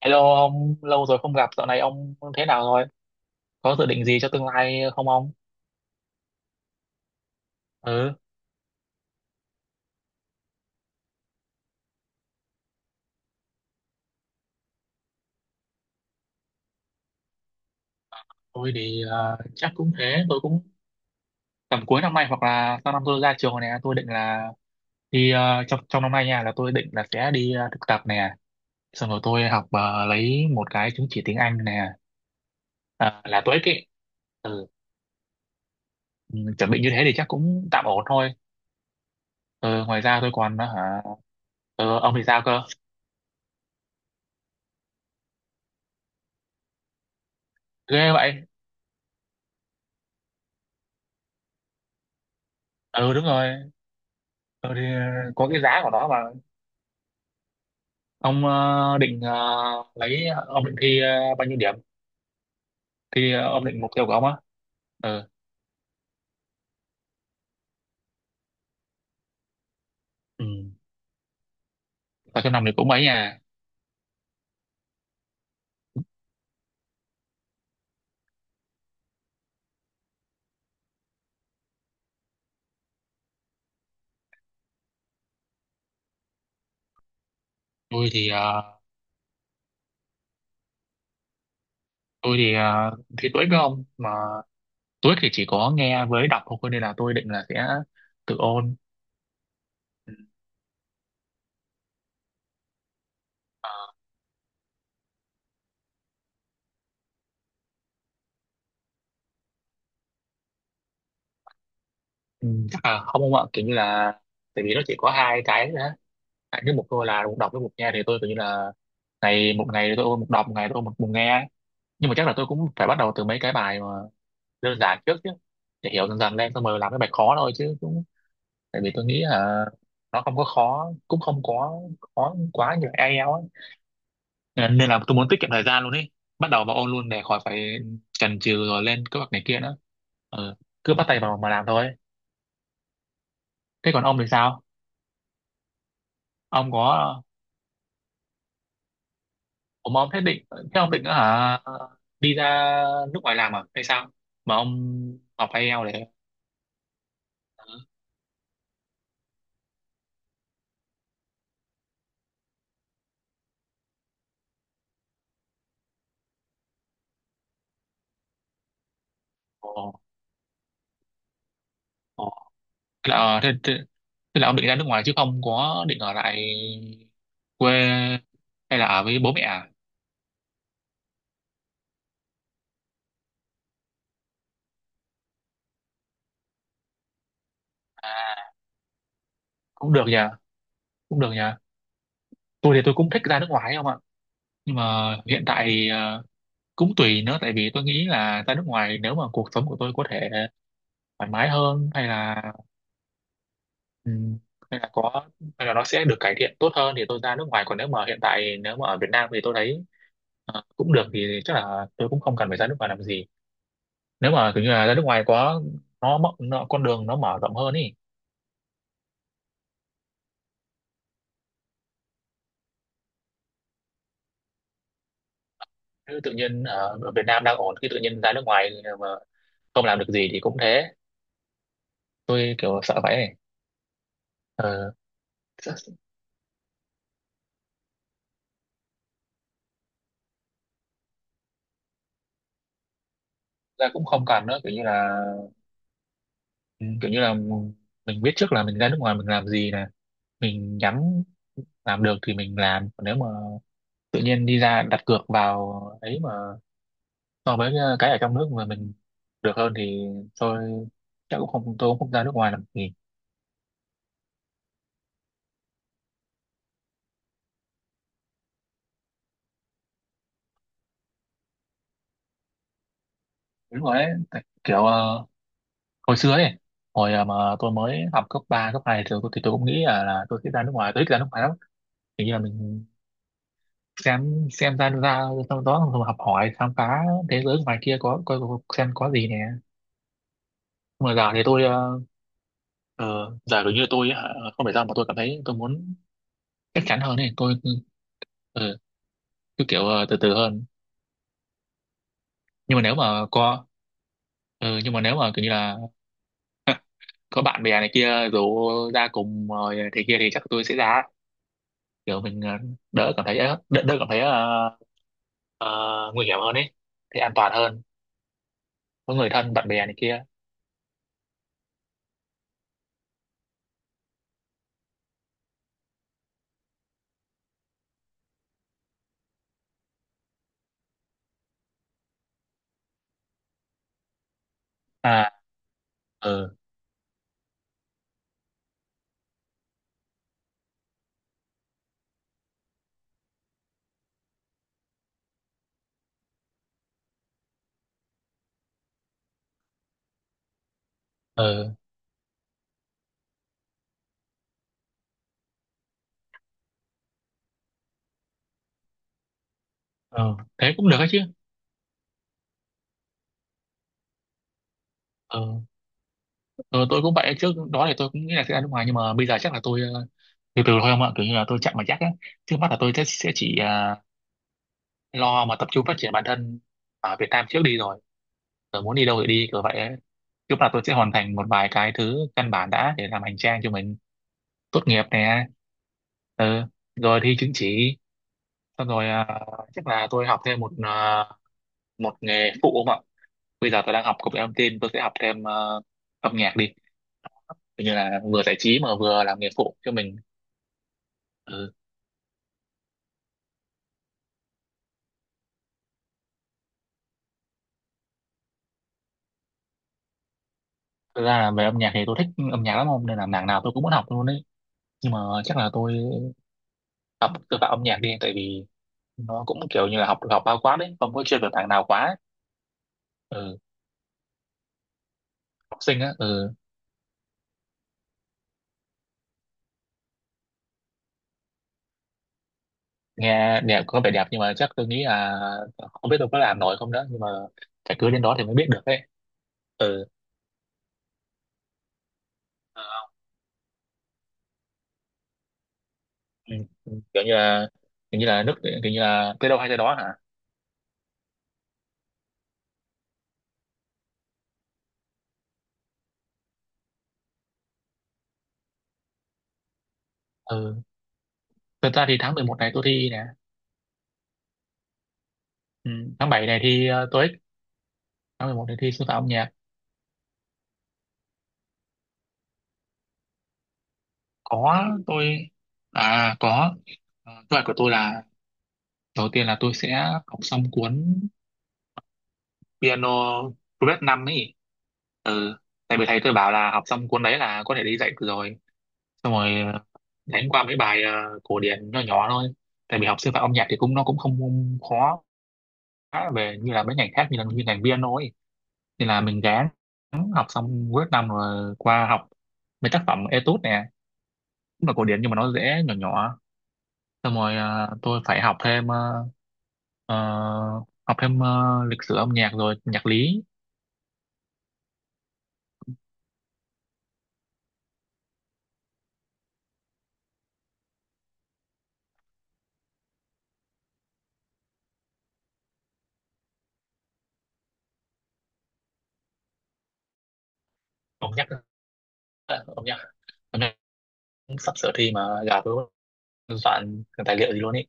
Hello ông, lâu rồi không gặp, dạo này ông thế nào rồi? Có dự định gì cho tương lai không ông? Ừ, tôi thì chắc cũng thế, tôi cũng tầm cuối năm nay hoặc là sau năm tôi ra trường này, tôi định là đi trong trong năm nay nha, là tôi định là sẽ đi thực tập nè, xong rồi tôi học lấy một cái chứng chỉ tiếng Anh nè, à, là TOEIC ấy. Ừ, ừ, chuẩn bị như thế thì chắc cũng tạm ổn thôi. Ừ, ngoài ra tôi còn hả? Ừ, ông thì sao cơ? Ghê vậy. Ừ, đúng rồi. Ừ, thì có cái giá của nó mà. Ông định lấy ông định thi bao nhiêu điểm, thi ông định mục tiêu của ông á. Ừ. Ừ, vào trong năm thì cũng mấy à. Tôi thì tôi thì thi TOEIC với ông mà. TOEIC thì chỉ có nghe với đọc thôi nên là tôi định là sẽ tự ôn. Ừ. Ừ, chắc là không ông ạ, kiểu như là tại vì nó chỉ có hai cái nữa, hai cái mục thôi, là mục đọc với mục nghe, thì tôi kiểu như là ngày một, ngày tôi ôn mục đọc, một ngày tôi ôn mục nghe. Nhưng mà chắc là tôi cũng phải bắt đầu từ mấy cái bài mà đơn giản trước chứ, để hiểu dần dần lên xong rồi làm cái bài khó thôi chứ, cũng tại vì tôi nghĩ là nó không có khó, cũng không có khó quá như ai eo ấy. Nên nên là tôi muốn tiết kiệm thời gian luôn ấy, bắt đầu vào ôn luôn để khỏi phải chần chừ rồi lên kế hoạch này kia nữa. Ừ. Cứ bắt tay vào mà làm thôi. Thế còn ông thì sao? Ông có, ông mà ông thế định, thế ông định nữa hả? Đi ra nước ngoài làm à hay sao mà ông học ai eo để. Ừ. Thế là thế là ông định ra nước ngoài chứ không có định ở lại quê hay là ở với bố mẹ à? À, cũng được nhờ, cũng được nhờ. Tôi thì tôi cũng thích ra nước ngoài không ạ, nhưng mà hiện tại thì cũng tùy nữa, tại vì tôi nghĩ là ra nước ngoài nếu mà cuộc sống của tôi có thể thoải mái hơn, ừm, hay là có, hay là nó sẽ được cải thiện tốt hơn thì tôi ra nước ngoài, còn nếu mà hiện tại nếu mà ở Việt Nam thì tôi thấy cũng được thì chắc là tôi cũng không cần phải ra nước ngoài làm gì. Nếu mà kiểu như là ra nước ngoài quá, nó mất nó, con đường nó mở rộng hơn ý, chứ tự nhiên ở ở Việt Nam đang ổn khi tự nhiên ra nước ngoài mà không làm được gì thì cũng thế, tôi kiểu sợ vậy ấy. ờ, sợ- Ra cũng không cần nữa, kiểu như là ừ, kiểu như là mình biết trước là mình ra nước ngoài mình làm gì nè, mình nhắm làm được thì mình làm, còn nếu mà tự nhiên đi ra đặt cược vào ấy mà so với cái ở trong nước mà mình được hơn thì tôi chắc cũng không, tôi cũng không ra nước ngoài làm gì. Đúng rồi đấy, kiểu hồi xưa ấy, hồi à, mà tôi mới học cấp 3, cấp 2 thì thì tôi cũng nghĩ là tôi sẽ ra nước ngoài, tôi thích ra nước ngoài lắm, kiểu như là mình xem ra ra sau đó rồi học hỏi khám phá thế giới ngoài kia xem có gì nè. Nhưng mà giờ thì tôi giờ kiểu như tôi hả, không phải sao mà tôi cảm thấy tôi muốn chắc chắn hơn ấy, tôi ừ, cứ kiểu từ từ hơn. Nhưng mà nếu mà có ừ, nhưng mà nếu mà kiểu như là có bạn bè này kia rủ ra cùng rồi thế kia thì chắc tôi sẽ ra, kiểu mình đỡ cảm thấy đỡ cảm thấy ờ, nguy hiểm hơn ấy, thì an toàn hơn, có người thân bạn bè này kia. à ờ ờ ờ Thế cũng được ấy chứ. ờ ờ tôi cũng vậy, trước đó thì tôi cũng nghĩ là sẽ ra nước ngoài nhưng mà bây giờ chắc là tôi từ từ thôi không ạ, kiểu như là tôi chậm mà chắc á. Trước mắt là tôi sẽ chỉ lo mà tập trung phát triển bản thân ở Việt Nam trước đi rồi rồi muốn đi đâu thì đi, kiểu vậy ấy. Trước mắt là tôi sẽ hoàn thành một vài cái thứ căn bản đã, để làm hành trang cho mình. Tốt nghiệp nè, ờ rồi thi chứng chỉ, xong rồi chắc là tôi học thêm một nghề phụ không ạ. Bây giờ tôi đang học công nghệ thông tin, tôi sẽ học thêm âm nhạc đi. Coi như là vừa giải trí mà vừa làm nghề phụ cho mình. Ừ. Thực ra là về âm nhạc thì tôi thích âm nhạc lắm không, nên là mảng nào tôi cũng muốn học luôn đấy, nhưng mà chắc là tôi học, tôi vào âm nhạc đi tại vì nó cũng kiểu như là học học bao quát đấy, không có chuyên về mảng nào quá ấy. Ừ. Học sinh á, ừ. Nghe đẹp, có vẻ đẹp nhưng mà chắc tôi nghĩ là không biết tôi có làm nổi không đó, nhưng mà phải cứ đến đó thì mới biết được đấy. Ừ. Ừ. Kiểu như là, kiểu như là nước, kiểu như là tới đâu hay tới đó hả. Ừ, thật ra thì tháng 11 này tôi thi nè. Ừ. tháng 7 này thi TOEIC, tháng 11 này thi sư phạm âm nhạc. Có. Tôi à, có. Ờ, kế hoạch của tôi là đầu tiên là tôi sẽ học xong cuốn piano Progress 5 ấy. Ừ. Tại vì thầy tôi bảo là học xong cuốn đấy là có thể đi dạy được rồi, xong rồi đánh qua mấy bài cổ điển nhỏ nhỏ thôi, tại vì học sư phạm âm nhạc thì cũng, nó cũng không khó về như là mấy ngành khác như là như ngành piano ấy, thì là mình gán học xong cuối năm rồi qua học mấy tác phẩm Etude nè, cũng là cổ điển nhưng mà nó dễ, nhỏ nhỏ. Xong rồi tôi phải học thêm ờ, học thêm lịch sử âm nhạc rồi nhạc lý. âm nhạc âm nhạc Âm nhạc cũng sắp sửa thi mà, gà tôi cũng soạn cái tài liệu gì luôn ý.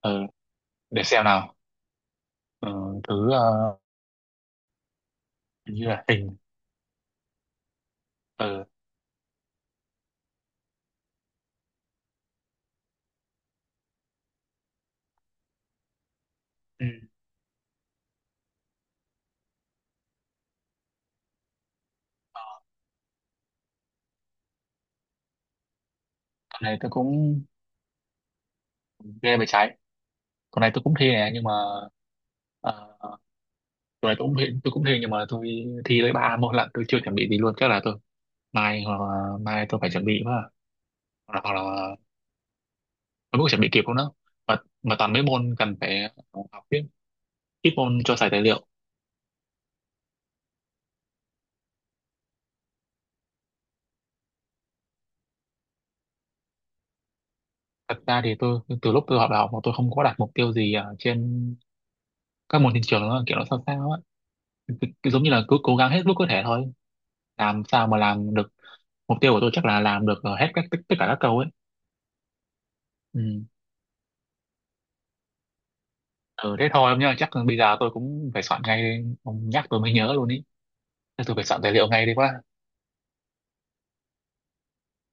Ừ, để xem nào. Ừ, thứ ờ, hình như là hình. Ừ. Ừ. Tuần này tôi cũng ghê về trái, tuần này tôi cũng thi nè nhưng mà ờ, rồi tôi cũng hình nhưng mà tôi thi tới ba môn lận, tôi chưa chuẩn bị gì luôn, chắc là tôi mai, hoặc là mai tôi phải chuẩn bị quá à. Hoặc là tôi cũng chuẩn bị kịp không đó. Mà mà toàn mấy môn cần phải học tiếp, ít môn cho xài tài liệu. Thật ra thì tôi từ lúc tôi học đại học mà tôi không có đặt mục tiêu gì ở trên các môn trên trường nữa, kiểu nó sao sao á. Cứ giống như là cứ cố gắng hết lúc có thể thôi, làm sao mà làm được. Mục tiêu của tôi chắc là làm được hết các tất cả các câu ấy. Ừ. Ừ, thế thôi ông nhá, chắc bây giờ tôi cũng phải soạn ngay đây, ông nhắc tôi mới nhớ luôn ý. Thế tôi phải soạn tài liệu ngay đi quá.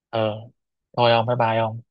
Ờ, thôi ông, bye bye ông.